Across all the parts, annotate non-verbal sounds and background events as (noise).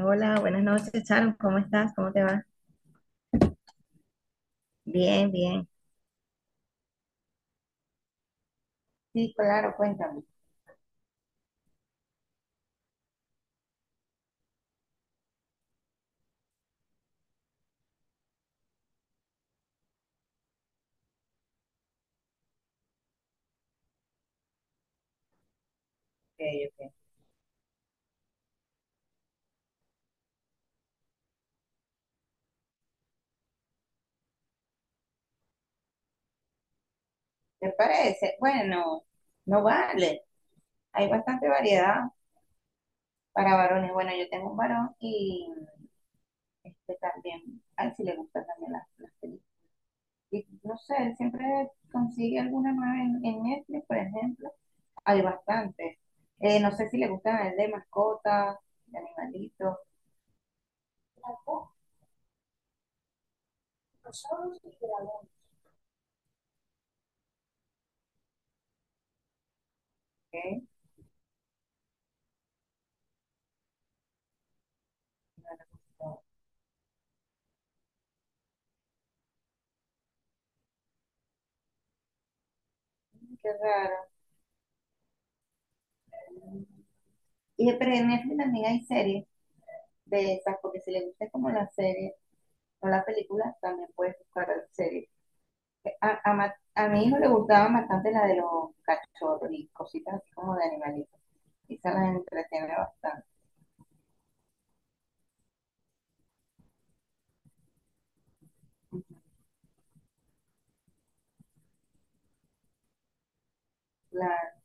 Hola, buenas noches, Sharon. ¿Cómo estás? ¿Cómo te va? Bien, bien. Sí, claro, cuéntame. Ok, ok. ¿Te parece? Bueno, no vale. Hay bastante variedad para varones. Bueno, yo tengo un varón y también, a él sí le gustan también las películas. Y no sé, él siempre consigue alguna nueva en Netflix, por ejemplo. Hay bastantes. No sé si le gustan a él de mascotas, de animalitos. Ok, bueno. Qué raro. Y pero en Netflix también hay series de esas, porque si le gusta como la serie o la película, también puedes buscar series. A mi hijo le gustaba bastante la de los cachorros y cositas así como de animalitos. Y se las entretiene bastante. La,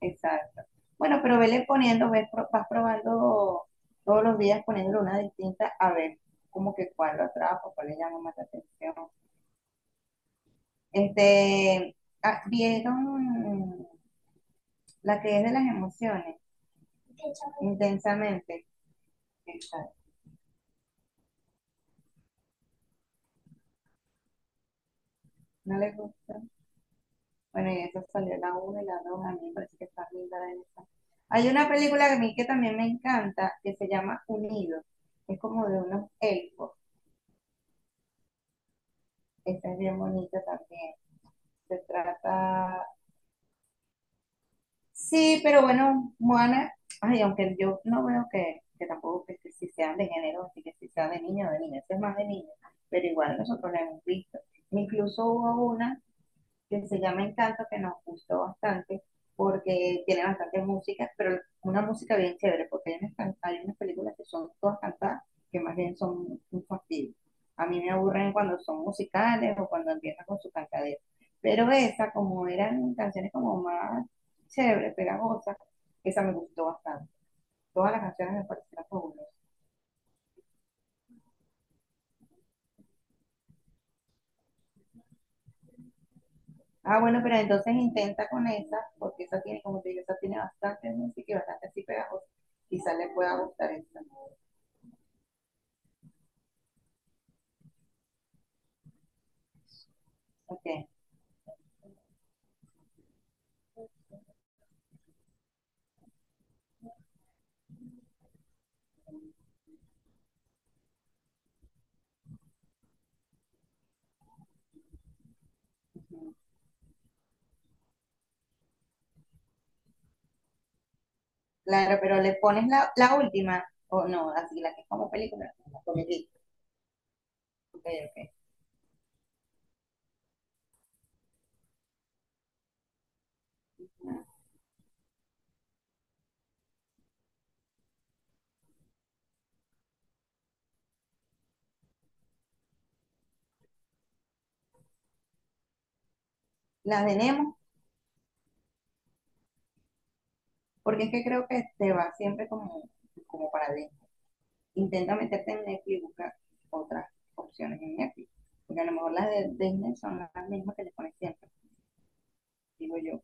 exacto. Bueno, pero vele poniendo, ves, vas probando todos los días poniéndole una distinta a ver como que cuál lo atrapa, cuál le llama más la atención. Este, ¿Vieron la que es de las emociones, intensamente. Intensamente. Exacto. No les gusta. Bueno, y eso salió la uno y la 2. A mí me parece que está linda esa. Hay una película que a mí que también me encanta, que se llama Unidos. Es como de unos elfos. Esta es bien bonita también. Se trata. Sí, pero bueno, Moana. Ay, aunque yo no veo que tampoco que, que si sean de género, así que si sea de niño o de niña. Eso es más de niño. Pero igual nosotros la hemos visto. Incluso hubo una que se llama Encanto, que nos gustó bastante porque tiene bastante música, pero una música bien chévere, porque hay hay unas películas que son todas cantadas, que más bien son un fastidio. A mí me aburren cuando son musicales o cuando empiezan con su cantadera. Pero esa, como eran canciones como más chéveres, pegajosas, esa me gustó bastante. Todas las canciones me parecieron fabulosas. Ah, bueno, pero entonces intenta con esa, porque esa tiene, como te digo, esa tiene bastante música y bastante así pegajosa. Quizás le pueda gustar esa. Okay. Ujú. Claro, pero le pones la última, o no, así la que es como película, la comidita. Ok, ok. Ah. La de Nemo, porque es que creo que te va siempre como, como para adentro. Intenta meterte en Netflix y busca otras opciones en Netflix, porque a lo mejor las de Disney son las mismas que le pones siempre, digo yo.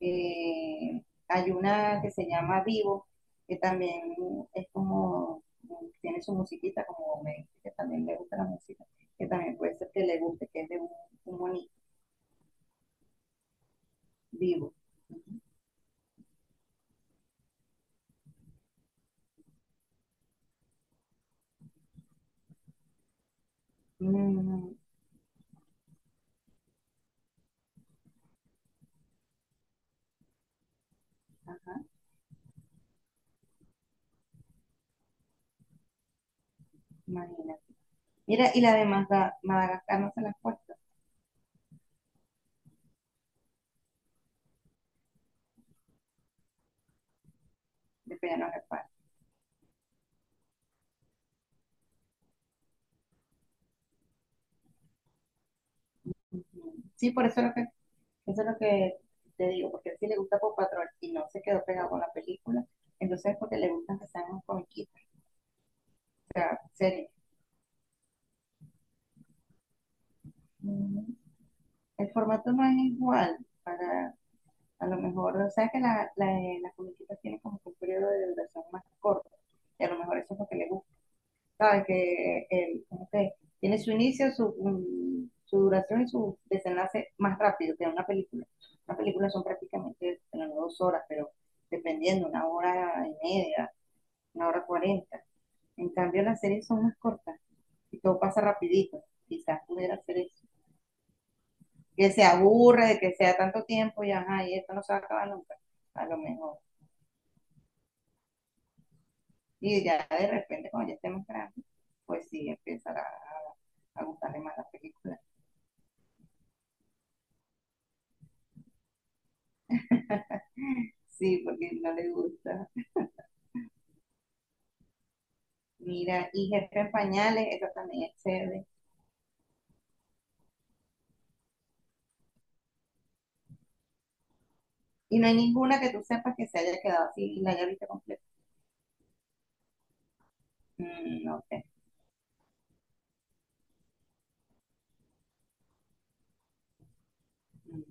Eh, hay una que se llama Vivo, que también es como, tiene su musiquita, como me dice que también le gusta la música, que también puede ser que le guste, que es de un monito vivo. Mm, imagínate. Mira, y la de Madagascar no se la han puesto, de Piano Reparo. Sí, por eso es lo que, eso es lo que te digo, porque si le gusta Paw Patrol y no se quedó pegado con la película, entonces es porque le gustan que sean unos comiquitos, o sea, series. El formato no es igual para, a lo mejor, o sea que las comiquitas tienen como que un periodo de duración más corto, y a lo mejor eso es lo que le gusta, ¿sabes? Que el, como que tiene su inicio, su duración y su desenlace más rápido que una película. Una película son prácticamente bueno, no dos horas, pero dependiendo, una hora y media, una hora cuarenta. En cambio, las series son más cortas y todo pasa rapidito. Quizás pudiera hacer eso. Que se aburre de que sea tanto tiempo y ajá, y esto no se va a acabar nunca, a lo mejor. Y ya de repente, cuando ya estemos grandes, pues sí, empezará a gustarle más la película. Sí, porque no le gusta. Mira, y Jefe en Pañales, esa también es chévere. Y no hay ninguna que tú sepas que se haya quedado así y la haya visto completa. Mm, no sé. Mm,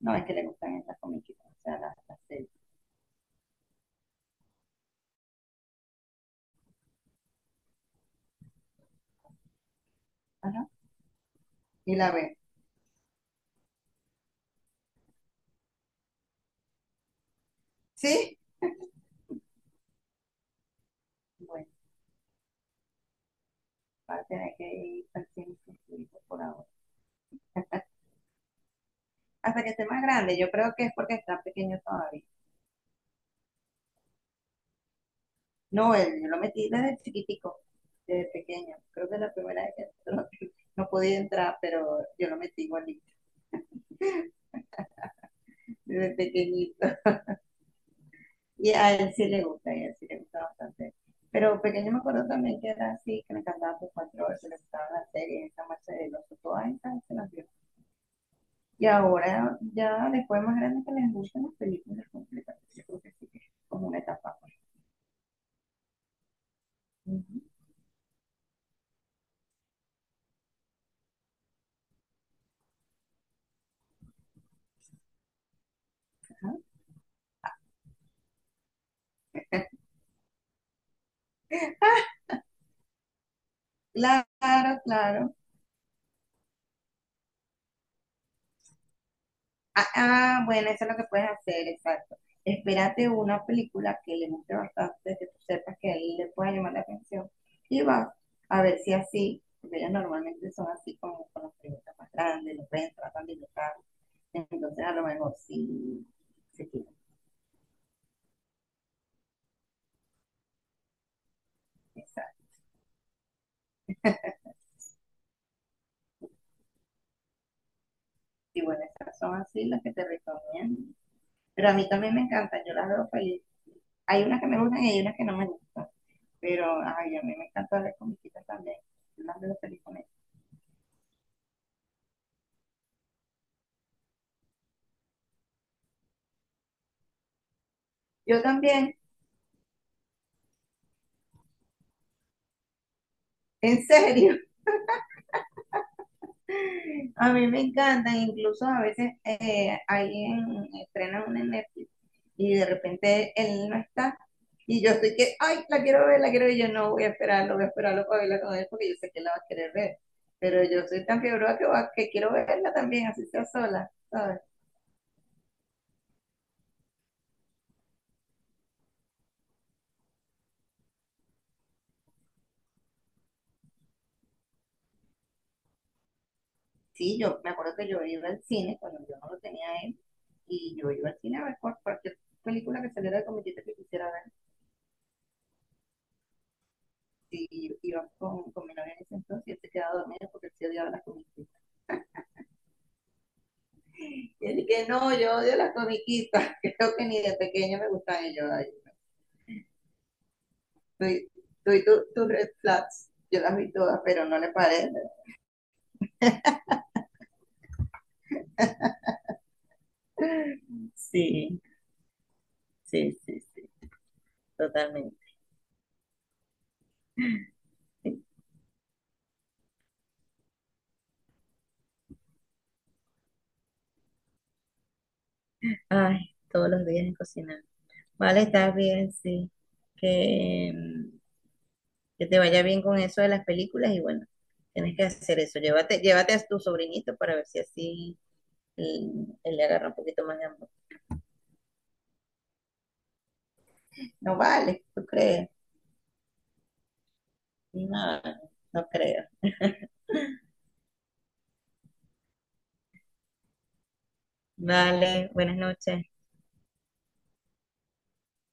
no, es que le gustan estas comiquitas, o sea, las series. Ajá. Y la ve. ¿Sí? Bueno, va a tener que ir al cine con su hijo por ahora, hasta que esté más grande. Yo creo que es porque está pequeño todavía. No, él, yo lo metí desde chiquitico, desde pequeño. Creo que es la primera vez que (laughs) entró. No podía entrar, pero yo lo metí igualito, (laughs) desde pequeñito. Y a él sí le gusta, y a él sí le gusta bastante. Pero pequeño me acuerdo también que era así, que me encantaba sus cuatro horas, que le gustaban las series, esa marcha de los todas esas se las vio. Y ahora, ya después más grande que les gustan las películas completas, yo creo que sí que es como una etapa. Uh-huh. Ajá. (laughs) Claro, claro. Ah, ah, bueno, eso es lo que puedes hacer, exacto. Espérate una película que le guste bastante, que tú sepas que a él le pueda llamar la atención. Y vas a ver si así, porque ellas normalmente son así como con las preguntas más grandes, los ven, tratan de educar. Entonces a lo mejor sí se quieren. Exacto. Y bueno, esas son así las que te recomiendo. Pero a mí también me encantan, yo las veo feliz. Hay unas que me gustan y hay unas que no me gustan. Pero ay, a mí me encanta ver comiquitas también. Yo las veo feliz con ellas. Yo también, en serio. (laughs) A mí me encantan, incluso a veces alguien estrena una en Netflix y de repente él no está y yo estoy que, ay, la quiero ver, y yo no voy a esperarlo, voy a esperarlo para verla con él porque yo sé que la va a querer ver, pero yo soy tan fiebre que, que quiero verla también, así sea sola, ¿sabes? Sí, yo me acuerdo que yo iba al cine cuando yo no lo tenía a él y yo iba al cine a ver cualquier película que saliera de comediante que quisiera ver. Y yo iba con mi novia en ese entonces y él se quedaba dormido porque él se odiaba las comiquitas. Y él que no, yo odio las comiquitas, (laughs) creo que ni de pequeño me gustan ellos. Ay, tú, tú y tus red flags, yo las vi todas, pero no le parece. Sí, sí, sí, sí, totalmente. Ay, todos los días en cocinar. Vale, está bien, sí. Que, mm, que te vaya bien con eso de las películas y bueno, tienes que hacer eso. Llévate, llévate a tu sobrinito para ver si así él, él le agarra un poquito más de amor. No vale, ¿tú crees? No, no creo. Vale, buenas noches.